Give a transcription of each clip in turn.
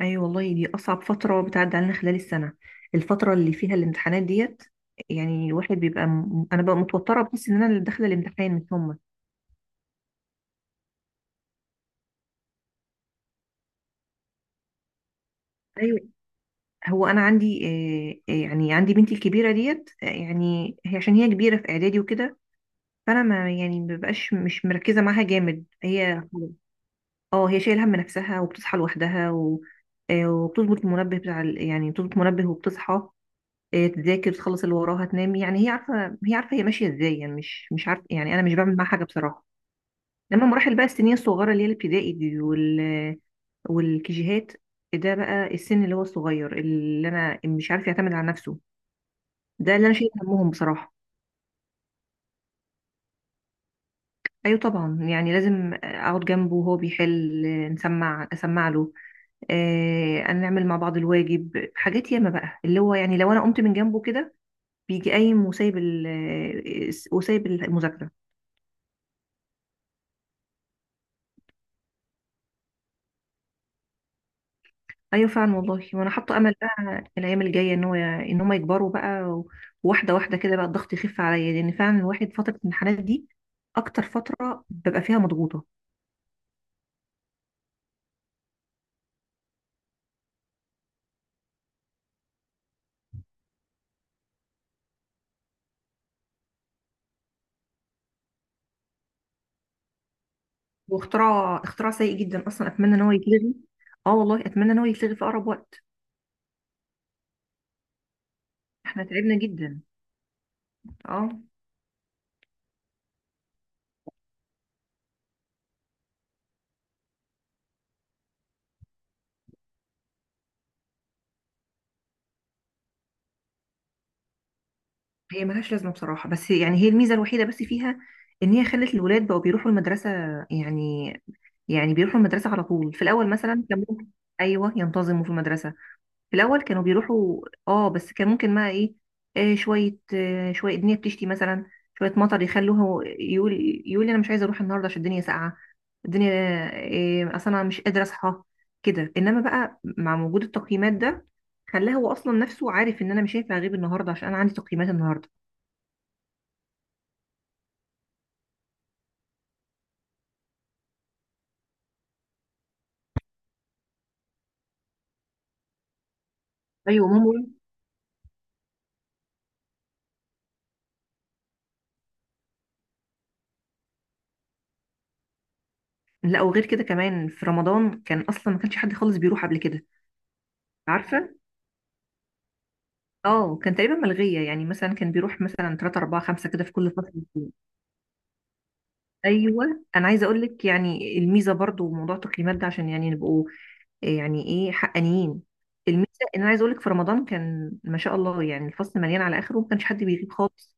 اي، والله دي اصعب فتره بتعدي علينا خلال السنه، الفتره اللي فيها الامتحانات ديت. يعني الواحد بيبقى انا ببقى متوتره، بحس ان انا اللي داخله الامتحان مش هم. ايوه. هو انا عندي، يعني عندي بنتي الكبيره ديت. يعني هي عشان هي كبيره في اعدادي وكده، فانا ما يعني ما ببقاش مش مركزه معاها جامد. هي اه هي شايله هم نفسها وبتصحى لوحدها وبتظبط المنبه يعني بتظبط منبه وبتصحى. إيه، تذاكر تخلص اللي وراها تنام، يعني هي عارفه هي عارفه، هي ماشيه ازاي، يعني مش عارفه. يعني انا مش بعمل معاها حاجه بصراحه. لما مراحل بقى السنين الصغيره اللي هي الابتدائي دي والكيجيهات، ده بقى السن اللي هو الصغير، اللي انا مش عارف يعتمد على نفسه، ده اللي انا شايل همهم بصراحه. ايوه طبعا، يعني لازم اقعد جنبه وهو بيحل، اسمع له. آه نعمل مع بعض الواجب حاجات ياما بقى، اللي هو يعني لو انا قمت من جنبه كده بيجي قايم وسايب وسايب المذاكره. ايوه فعلا والله، وانا حاطه امل بقى الايام الجايه ان هو ان هم يكبروا بقى وواحده واحده كده بقى الضغط يخف عليا، لان فعلا الواحد فتره الامتحانات دي اكتر فتره ببقى فيها مضغوطه. واختراع اختراع سيء جدا اصلا، اتمنى ان هو يتلغي. اه والله، اتمنى ان هو يتلغي في اقرب وقت. احنا تعبنا جدا. اه هي ملهاش لازمه بصراحه، بس يعني هي الميزه الوحيده بس فيها ان هي خلت الولاد بقوا بيروحوا المدرسه، يعني يعني بيروحوا المدرسه على طول. في الاول مثلا كان ممكن، ايوه ينتظموا في المدرسه. في الاول كانوا بيروحوا، اه بس كان ممكن بقى ايه، شويه شويه الدنيا بتشتي مثلا، شويه مطر يخلوه يقول، يقول لي انا مش عايزه اروح النهارده عشان الدنيا ساقعه، الدنيا آه اصلا انا مش قادره اصحى كده. انما بقى مع وجود التقييمات ده، خلاه هو اصلا نفسه عارف ان انا مش هينفع اغيب النهارده عشان انا عندي تقييمات النهارده. ايوه ماما. لا وغير كده كمان في رمضان كان اصلا ما كانش حد خالص بيروح قبل كده. عارفه، اه كان تقريبا ملغيه، يعني مثلا كان بيروح مثلا 3 4 5 كده في كل فصل. ايوه انا عايزه اقول لك يعني الميزه برضو موضوع التقييمات ده عشان يعني نبقوا يعني ايه، حقانيين. الميزه، ان انا عايزه اقول لك في رمضان كان ما شاء الله، يعني الفصل مليان على اخره وما كانش حد بيغيب خالص.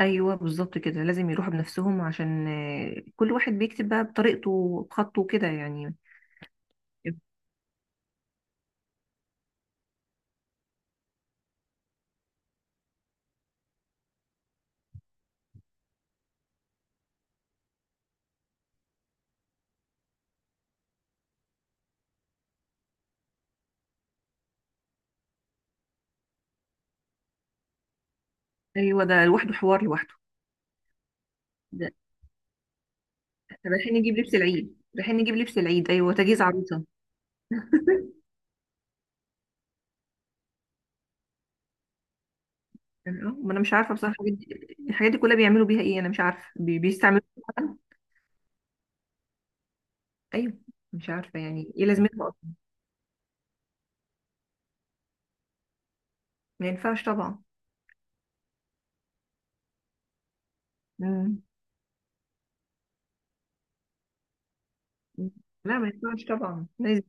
ايوه بالظبط كده، لازم يروحوا بنفسهم عشان كل واحد بيكتب بقى بطريقته بخطه كده يعني. ايوه ده لوحده حوار لوحده. ده طب رايحين نجيب لبس العيد، رايحين نجيب لبس العيد، ايوه تجهيز عروسه. آه، ما انا مش عارفه بصراحه الحاجات دي، الحاجات دي كلها بيعملوا بيها ايه. انا مش عارفه بيستعملوا. ايوه مش عارفه يعني ايه لازمتها اصلا. ما ينفعش طبعا. مم. لا ما ينفعش طبعا، لازم.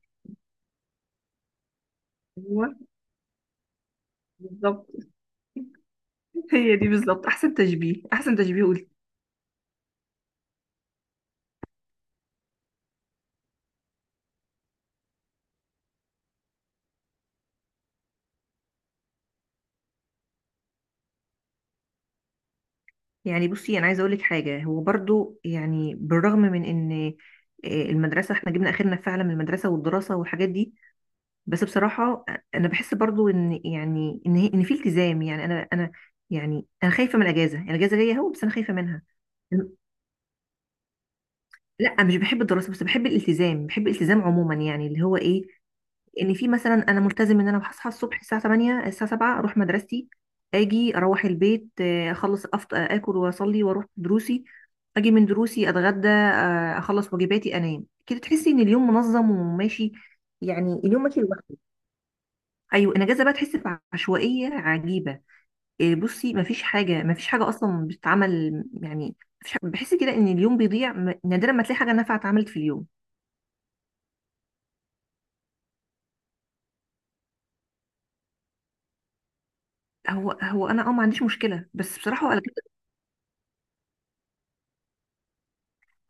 هو بالظبط. هي دي بالظبط احسن تشبيه، احسن تشبيه قلت. يعني بصي انا عايزه اقول لك حاجه، هو برضو يعني بالرغم من ان المدرسه احنا جبنا اخرنا فعلا من المدرسه والدراسه والحاجات دي، بس بصراحه انا بحس برضو ان يعني ان هي ان في التزام، يعني انا يعني انا خايفه من الاجازه، يعني الاجازه جايه اهو بس انا خايفه منها. لا مش بحب الدراسه، بس بحب الالتزام، عموما، يعني اللي هو ايه، ان في مثلا انا ملتزم ان انا هصحى الصبح الساعه 8، الساعه 7 اروح مدرستي، اجي اروح البيت، اخلص اكل واصلي واروح دروسي، اجي من دروسي اتغدى، اخلص واجباتي انام. كده تحسي ان اليوم منظم وماشي، يعني اليوم ماشي لوحده. ايوه الاجازه بقى تحس بعشوائيه عجيبه. إيه، بصي مفيش حاجه مفيش حاجه اصلا بتتعمل يعني. بحس كده ان اليوم بيضيع، نادرا ما تلاقي حاجه نافعه اتعملت في اليوم. هو انا اه ما عنديش مشكله، بس بصراحه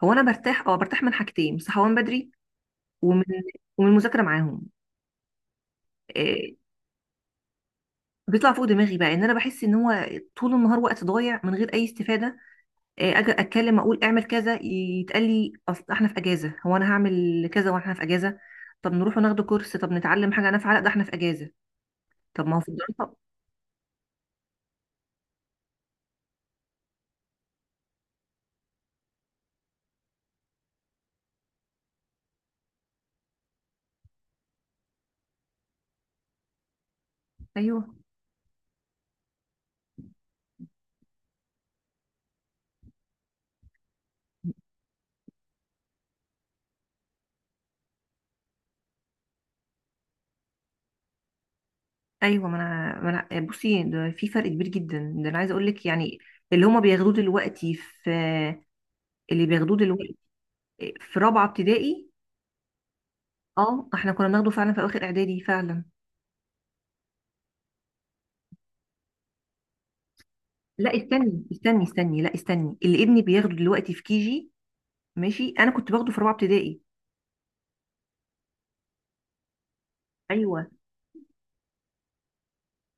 هو انا برتاح، اه برتاح من حاجتين، من صحوان بدري، ومن ومن المذاكره معاهم. إيه بيطلع فوق دماغي بقى ان انا بحس ان هو طول النهار وقت ضايع من غير اي استفاده. إيه اجي اتكلم اقول اعمل كذا، يتقال لي اصل احنا في اجازه، هو انا هعمل كذا واحنا في اجازه؟ طب نروح وناخد كورس، طب نتعلم حاجه نافعه، لا ده احنا في اجازه. طب ما هو في الدراسه. ايوه، ايوه ما انا بصي ده في فرق كبير جدا، ده انا عايزه اقول لك يعني اللي هما بياخدوه دلوقتي في، اللي بياخدوه دلوقتي في رابعه ابتدائي. اه احنا كنا بناخده فعلا في اواخر اعدادي فعلا. لا استني استني استني، لا استني اللي ابني بياخده دلوقتي في كيجي، ماشي. انا كنت باخده في رابعه ابتدائي. ايوه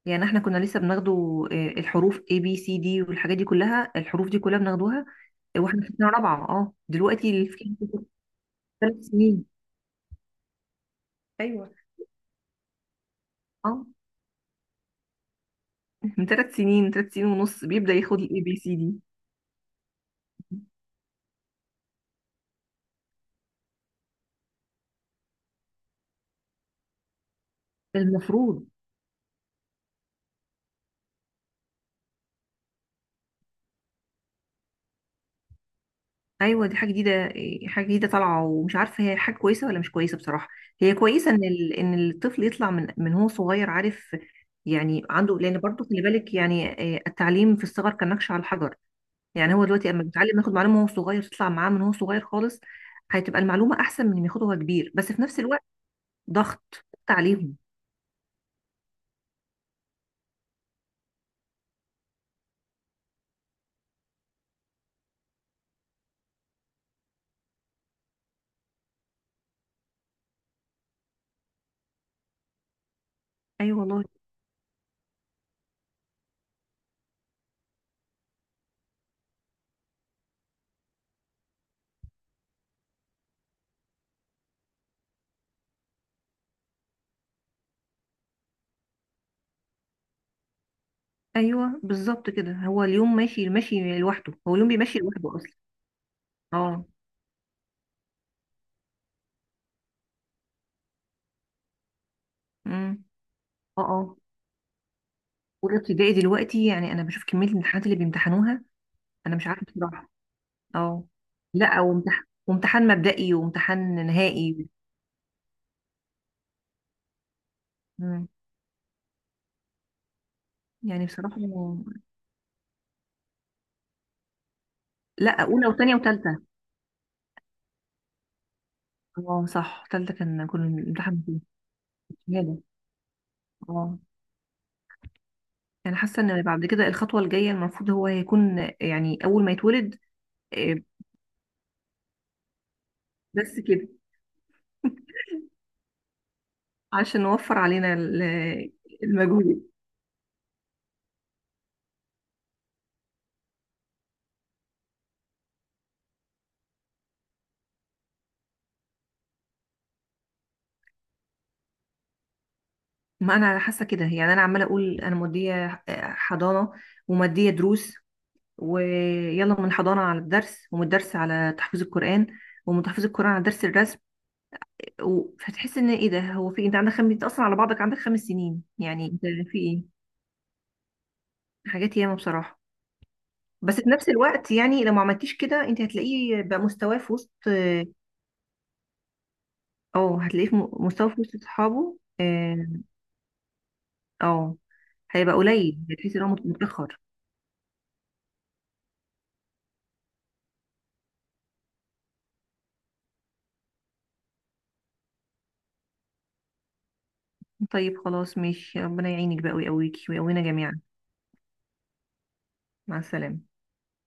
يعني احنا كنا لسه بناخده، الحروف ABCD والحاجات دي كلها، الحروف دي كلها بناخدوها واحنا في سنه رابعه. اه دلوقتي اللي في كيجي، 3 سنين. ايوه اه، من 3 سنين، 3 سنين ونص بيبدا ياخد ABCD. المفروض. ايوه دي حاجه جديده، حاجه جديده طالعه ومش عارفه هي حاجه كويسه ولا مش كويسه بصراحه. هي كويسه ان ان الطفل يطلع من هو صغير، عارف يعني، عنده، لان برضه خلي بالك يعني، التعليم في الصغر كالنقش على الحجر. يعني هو دلوقتي اما بيتعلم ياخد معلومه وهو صغير، تطلع معاه من هو صغير خالص، هتبقى المعلومه احسن من ما ياخدها وهو كبير. بس في نفس الوقت ضغط تعليم. ايوه والله. ايوه بالظبط كده، هو اليوم ماشي ماشي لوحده، هو اليوم بيمشي لوحده اصلا. اه. امم. اه. اه. اولى ابتدائي دلوقتي، يعني انا بشوف كميه الامتحانات اللي بيمتحنوها. انا مش عارفه بصراحه. اه. لا وامتحان مبدئي وامتحان نهائي. مم. يعني بصراحه. لا اولى وثانيه وثالثه. اه صح، ثالثه كان كل الامتحان فيه. شهاده. اه. انا حاسه ان بعد كده الخطوه الجايه المفروض هو هيكون يعني اول ما يتولد. آه، بس كده. عشان نوفر علينا المجهود. ما انا حاسه كده، يعني انا عماله اقول انا موديه حضانه، وماديه دروس، ويلا من الحضانة على الدرس، ومن الدرس على تحفيظ القرآن، ومن تحفيظ القرآن على درس الرسم، فتحس ان ايه ده. هو في إيه؟ انت اصلا على بعضك عندك 5 سنين يعني انت. في ايه، حاجات ياما بصراحة. بس في نفس الوقت يعني لو ما عملتيش كده انت هتلاقيه بقى مستواه في وسط اه، هتلاقيه في مستواه في وسط اصحابه، اه، آه، هيبقى قليل هتحسي ان هو متأخر. طيب خلاص ماشي، ربنا يعينك بقى ويقويكي ويقوينا جميعا. مع السلامة.